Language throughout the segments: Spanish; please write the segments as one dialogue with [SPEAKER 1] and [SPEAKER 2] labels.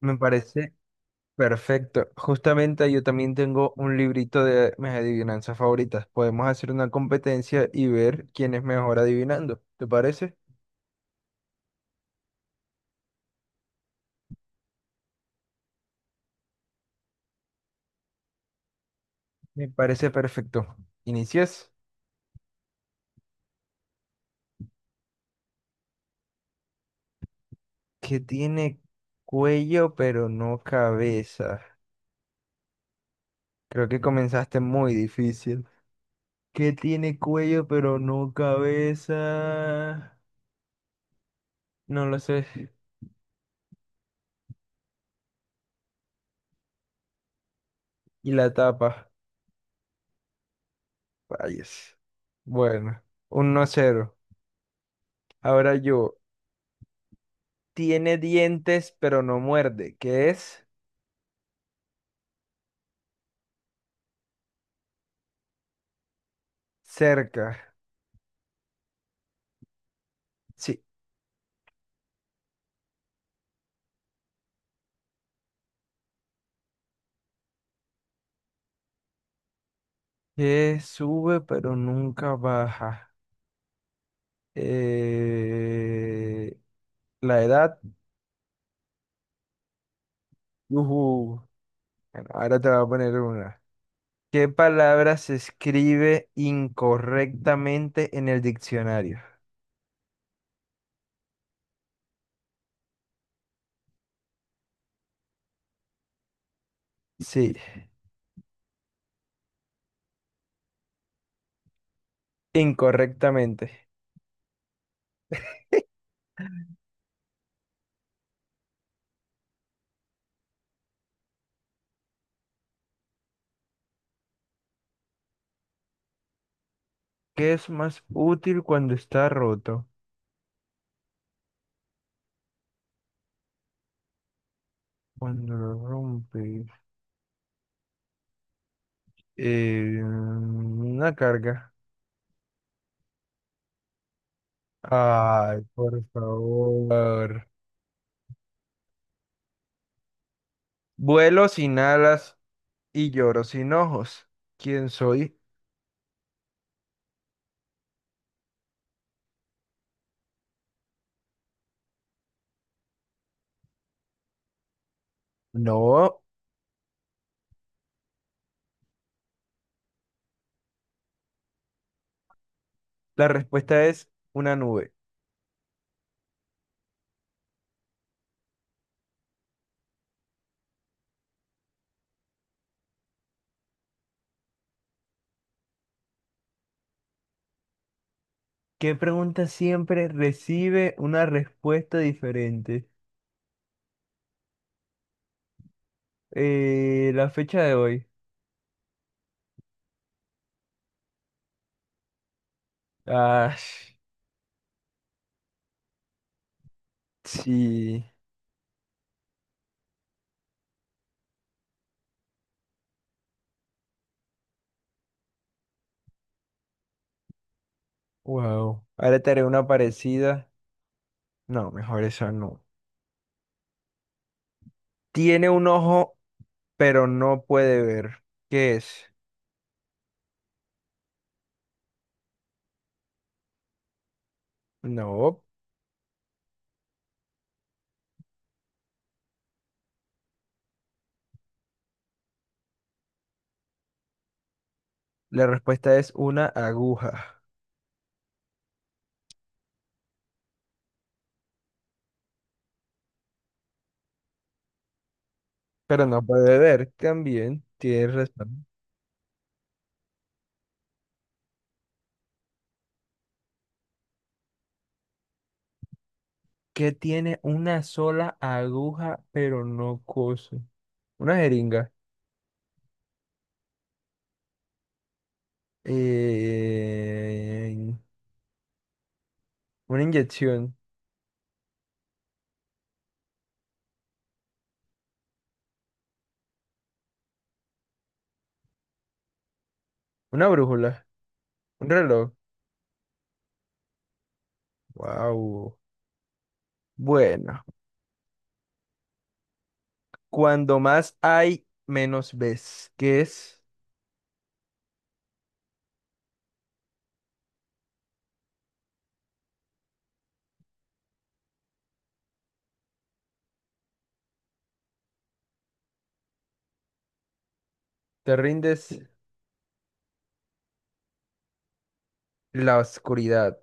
[SPEAKER 1] Me parece perfecto. Justamente yo también tengo un librito de mis adivinanzas favoritas. Podemos hacer una competencia y ver quién es mejor adivinando. ¿Te parece? Me parece perfecto. Inicias. Que tiene cuello pero no cabeza. Creo que comenzaste muy difícil. Que tiene cuello pero no cabeza. No lo sé. Y la tapa. Vayas. Bueno, 1 cero. Ahora yo. Tiene dientes, pero no muerde. ¿Qué es? Cerca. Sí. Que sube, pero nunca baja. Eh, La edad. Ujú. Bueno, ahora te voy a poner una. ¿Qué palabra se escribe incorrectamente en el diccionario? Sí, incorrectamente. ¿Qué es más útil cuando está roto? Cuando lo rompe. Una carga. Ay, por favor. Vuelo sin alas y lloro sin ojos. ¿Quién soy? No. La respuesta es una nube. ¿Qué pregunta siempre recibe una respuesta diferente? La fecha de hoy. Ah, sí. Wow. Ahora te haré una parecida. No, mejor esa no. Tiene un ojo, pero no puede ver. ¿Qué es? No. La respuesta es una aguja. Pero no puede ver, también tiene razón. Que tiene una sola aguja, pero no cose. Una jeringa. eh, una inyección. Una brújula. Un reloj. Wow. Bueno, cuando más hay, menos ves. ¿Qué es? Te rindes la oscuridad.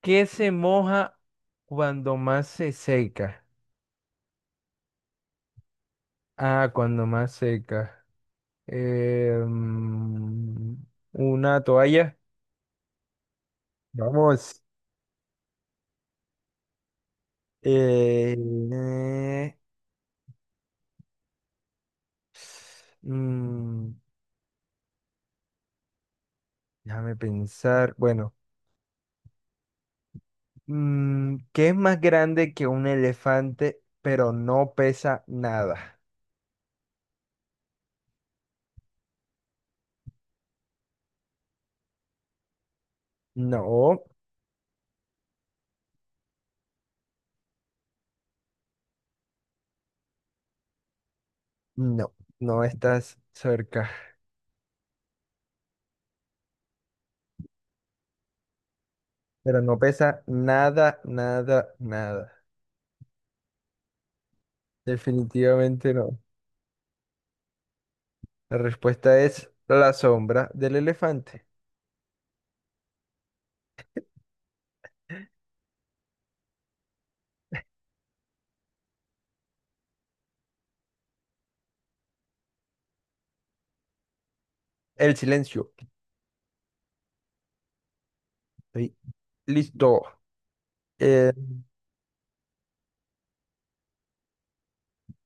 [SPEAKER 1] ¿Qué se moja cuando más se seca? Ah, cuando más seca. eh, mm, una toalla. Vamos. eh, eh, mm, déjame pensar. Bueno, ¿qué es más grande que un elefante, pero no pesa nada? No, no estás cerca. Pero no pesa nada, nada, nada. Definitivamente no. La respuesta es la sombra del elefante. El silencio. Estoy listo. Eh,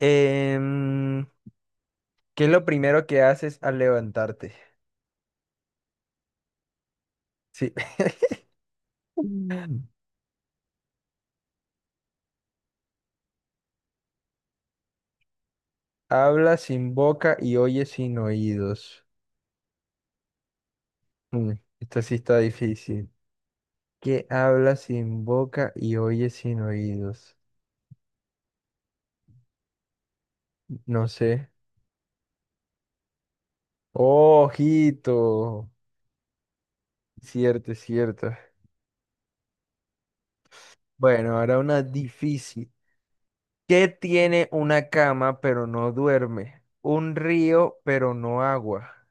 [SPEAKER 1] em, ¿Qué es lo primero que haces al levantarte? Sí. Mm. Habla sin boca y oye sin oídos. Mm, esto sí está difícil. ¿Qué habla sin boca y oye sin oídos? No sé. Oh, ojito. Cierto, cierto. Bueno, ahora una difícil. ¿Qué tiene una cama pero no duerme? Un río pero no agua.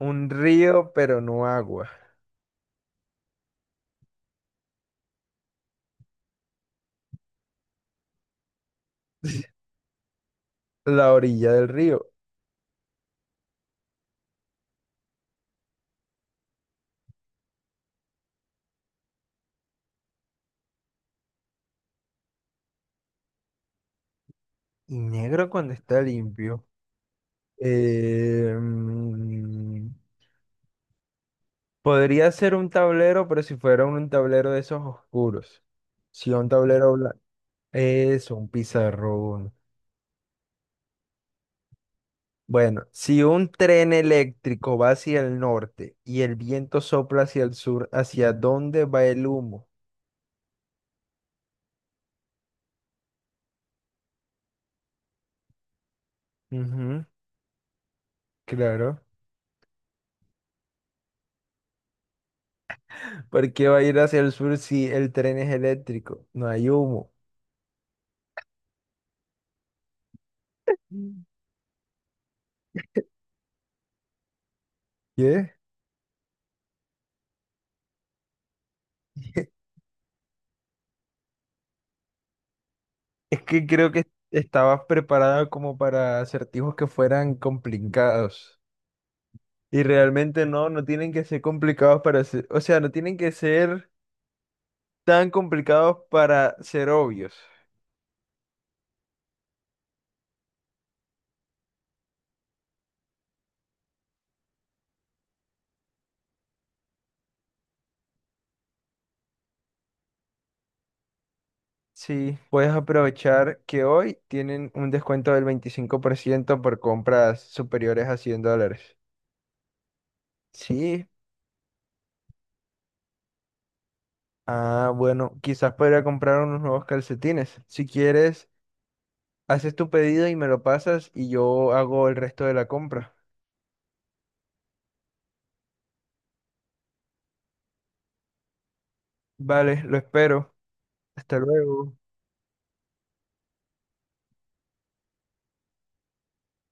[SPEAKER 1] Un río pero no agua. La orilla del río y negro cuando está limpio. Eh, mm, podría ser un tablero, pero si fuera un tablero de esos oscuros. Si un tablero blanco. Eso, un pizarrón. Bueno, si un tren eléctrico va hacia el norte y el viento sopla hacia el sur, ¿hacia dónde va el humo? Ujú, claro. ¿Por qué va a ir hacia el sur si el tren es eléctrico? No hay humo. Mm. ¿Qué? Es que creo que estabas preparada como para acertijos que fueran complicados. Y realmente no, no tienen que ser complicados para ser, o sea, no tienen que ser tan complicados para ser obvios. Sí, puedes aprovechar que hoy tienen un descuento del 25% por compras superiores a $100. Sí, ah, bueno, quizás podría comprar unos nuevos calcetines. Si quieres, haces tu pedido y me lo pasas y yo hago el resto de la compra. Vale, lo espero. Hasta luego.